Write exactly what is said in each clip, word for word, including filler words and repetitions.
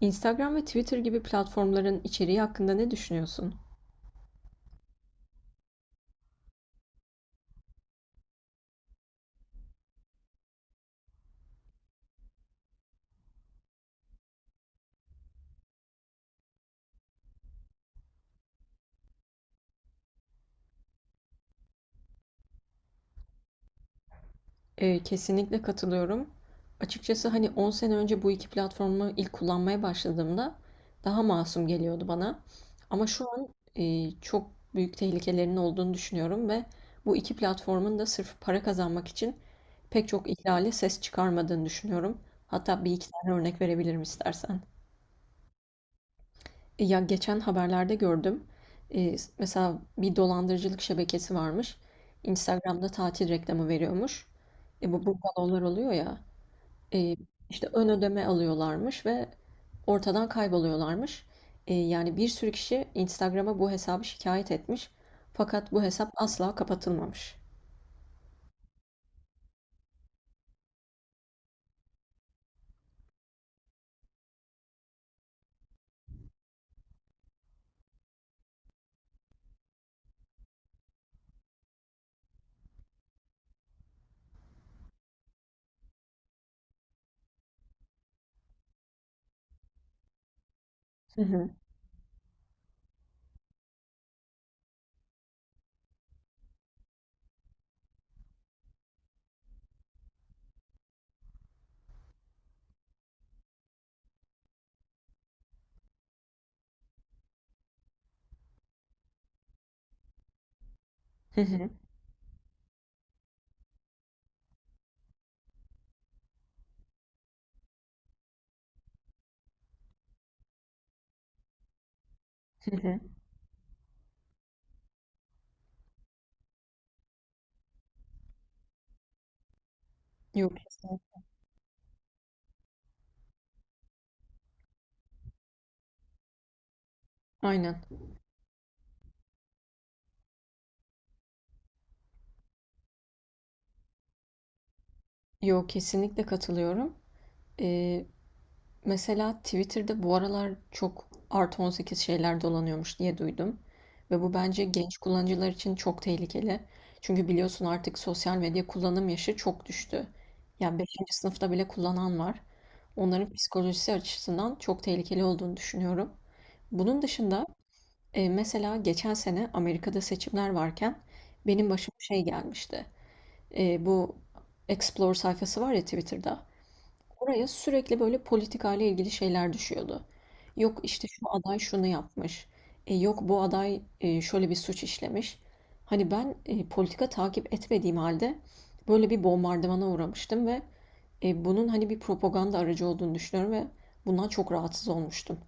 Instagram ve Twitter gibi platformların içeriği hakkında ne düşünüyorsun? Ee, kesinlikle katılıyorum. Açıkçası hani on sene önce bu iki platformu ilk kullanmaya başladığımda daha masum geliyordu bana. Ama şu an e, çok büyük tehlikelerinin olduğunu düşünüyorum ve bu iki platformun da sırf para kazanmak için pek çok ihlale ses çıkarmadığını düşünüyorum. Hatta bir iki tane örnek verebilirim istersen. Ya geçen haberlerde gördüm. Ee, mesela bir dolandırıcılık şebekesi varmış. Instagram'da tatil reklamı veriyormuş. E, bu bu oluyor ya. E, işte ön ödeme alıyorlarmış ve ortadan kayboluyorlarmış. E, yani bir sürü kişi Instagram'a bu hesabı şikayet etmiş. Fakat bu hesap asla kapatılmamış. Hı hı. Hı hı. Hı hı. Yok kesinlikle. Aynen. Yok kesinlikle katılıyorum. Ee, Mesela Twitter'da bu aralar çok artı on sekiz şeyler dolanıyormuş diye duydum. Ve bu bence genç kullanıcılar için çok tehlikeli. Çünkü biliyorsun artık sosyal medya kullanım yaşı çok düştü. Yani beşinci sınıfta bile kullanan var. Onların psikolojisi açısından çok tehlikeli olduğunu düşünüyorum. Bunun dışında e, mesela geçen sene Amerika'da seçimler varken benim başıma şey gelmişti. E, bu Explore sayfası var ya Twitter'da. Oraya sürekli böyle politikayla ilgili şeyler düşüyordu. Yok işte şu aday şunu yapmış. E, yok bu aday e, şöyle bir suç işlemiş. Hani ben e, politika takip etmediğim halde böyle bir bombardımana uğramıştım ve e, bunun hani bir propaganda aracı olduğunu düşünüyorum ve bundan çok rahatsız olmuştum.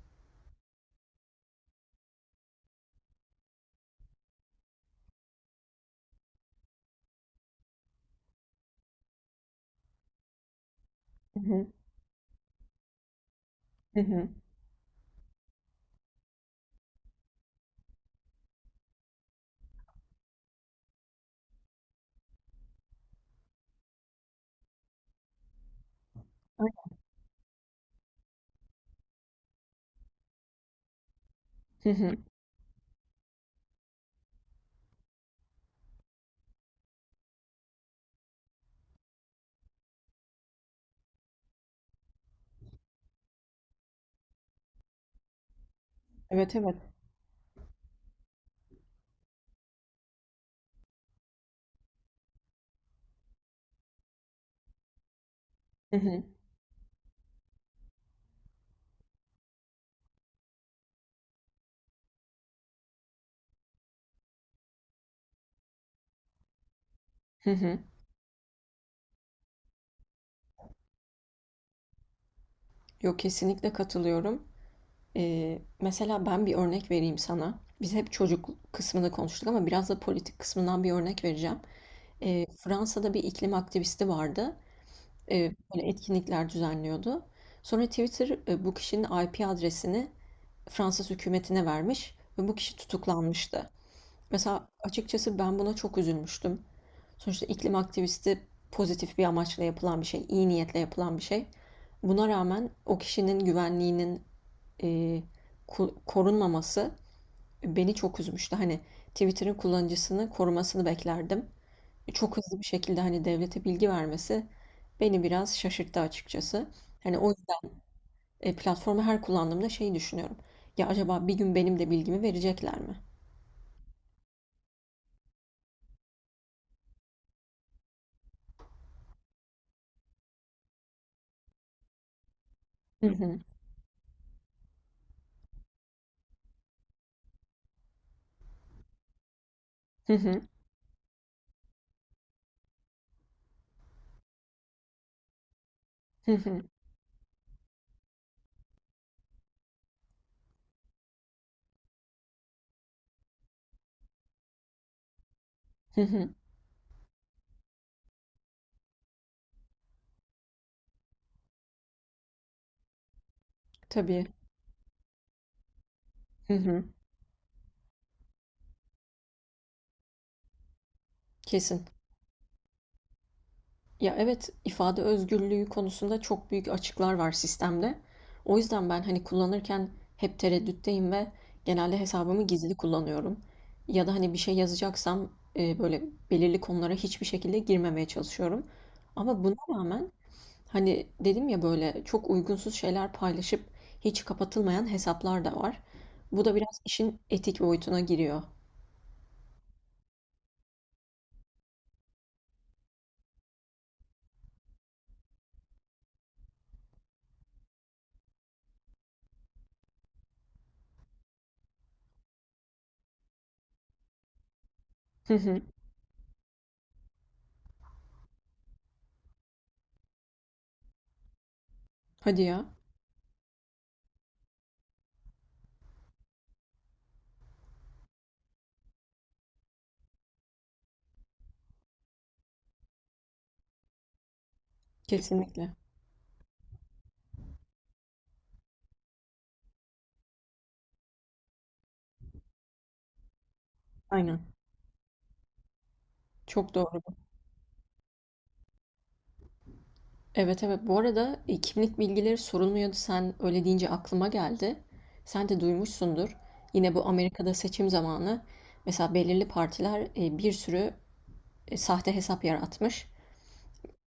Hı hı, hı hı. Hı hı. Evet evet. Hı hı, hı hı. Yok kesinlikle katılıyorum. Ee, mesela ben bir örnek vereyim sana. Biz hep çocuk kısmını konuştuk ama biraz da politik kısmından bir örnek vereceğim. Ee, Fransa'da bir iklim aktivisti vardı. Ee, böyle etkinlikler düzenliyordu. Sonra Twitter e, bu kişinin I P adresini Fransız hükümetine vermiş ve bu kişi tutuklanmıştı. Mesela açıkçası ben buna çok üzülmüştüm. Sonuçta iklim aktivisti pozitif bir amaçla yapılan bir şey, iyi niyetle yapılan bir şey. Buna rağmen o kişinin güvenliğinin eee, korunmaması beni çok üzmüştü. Hani Twitter'ın kullanıcısını korumasını beklerdim. Çok hızlı bir şekilde hani devlete bilgi vermesi beni biraz şaşırttı açıkçası. Hani o yüzden e, platformu her kullandığımda şey düşünüyorum. Ya acaba bir gün benim de bilgimi verecekler mi? Hı hı. Hı hı. Hı hı. Hı hı. Tabii. Hı hı. Kesin. Ya evet, ifade özgürlüğü konusunda çok büyük açıklar var sistemde. O yüzden ben hani kullanırken hep tereddütteyim ve genelde hesabımı gizli kullanıyorum. Ya da hani bir şey yazacaksam e, böyle belirli konulara hiçbir şekilde girmemeye çalışıyorum. Ama buna rağmen hani dedim ya böyle çok uygunsuz şeyler paylaşıp hiç kapatılmayan hesaplar da var. Bu da biraz işin etik boyutuna giriyor. Hı hı. Hadi ya. Kesinlikle. Aynen. Çok doğru. Evet, evet. Bu arada, eee, kimlik bilgileri sorulmuyordu. Sen öyle deyince aklıma geldi. Sen de duymuşsundur. Yine bu Amerika'da seçim zamanı mesela belirli partiler, eee, bir sürü, eee, sahte hesap yaratmış.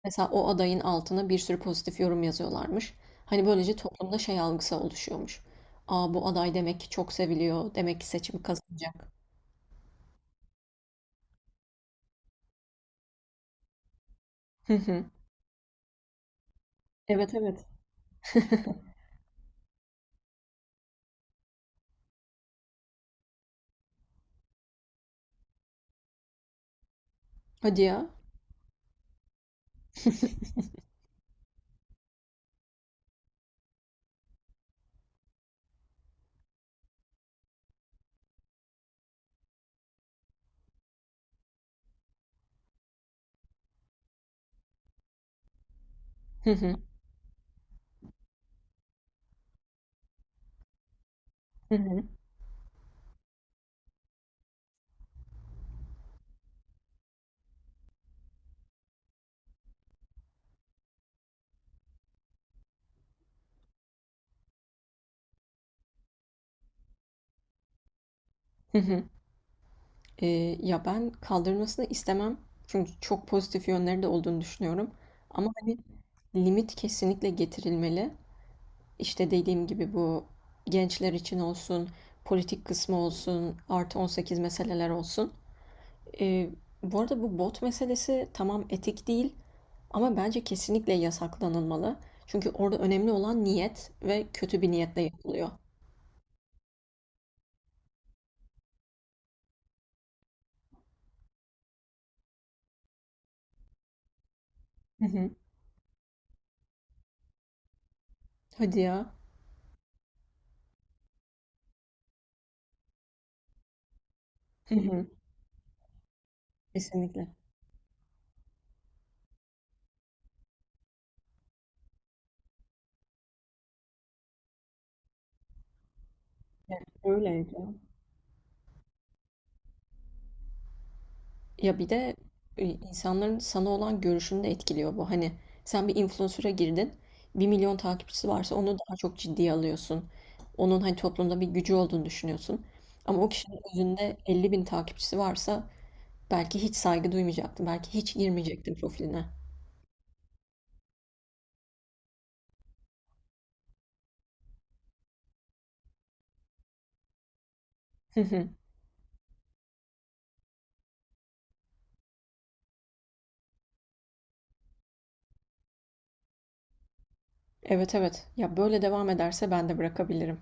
Mesela o adayın altına bir sürü pozitif yorum yazıyorlarmış. Hani, böylece toplumda şey algısı oluşuyormuş. Aa bu aday demek ki çok seviliyor. Demek ki seçimi kazanacak. Hı hı. Evet, evet. Hadi ya. Hı hı. Hı hı. Hı hı. Eee, ya, ben kaldırmasını istemem. Çünkü çok pozitif yönleri de olduğunu düşünüyorum. Ama, hani, limit kesinlikle getirilmeli. İşte, dediğim gibi bu gençler için olsun, politik kısmı olsun, artı on sekiz meseleler olsun. Eee, Bu arada bu bot meselesi tamam etik değil ama bence kesinlikle yasaklanılmalı. Çünkü orada önemli olan niyet ve kötü bir niyetle yapılıyor. Hı hı. Hadi ya. Hı hı. Kesinlikle. Ya, öyleydi. Ya bir de e, insanların sana olan görüşünü de etkiliyor bu. Hani sen bir influencer'a girdin, bir milyon takipçisi varsa onu daha çok ciddiye alıyorsun. Onun hani toplumda bir gücü olduğunu düşünüyorsun. Ama o kişinin özünde elli bin takipçisi varsa belki hiç saygı duymayacaktım. Belki hiç girmeyecektim profiline. Hı hı. Evet evet. Ya böyle devam ederse ben de bırakabilirim.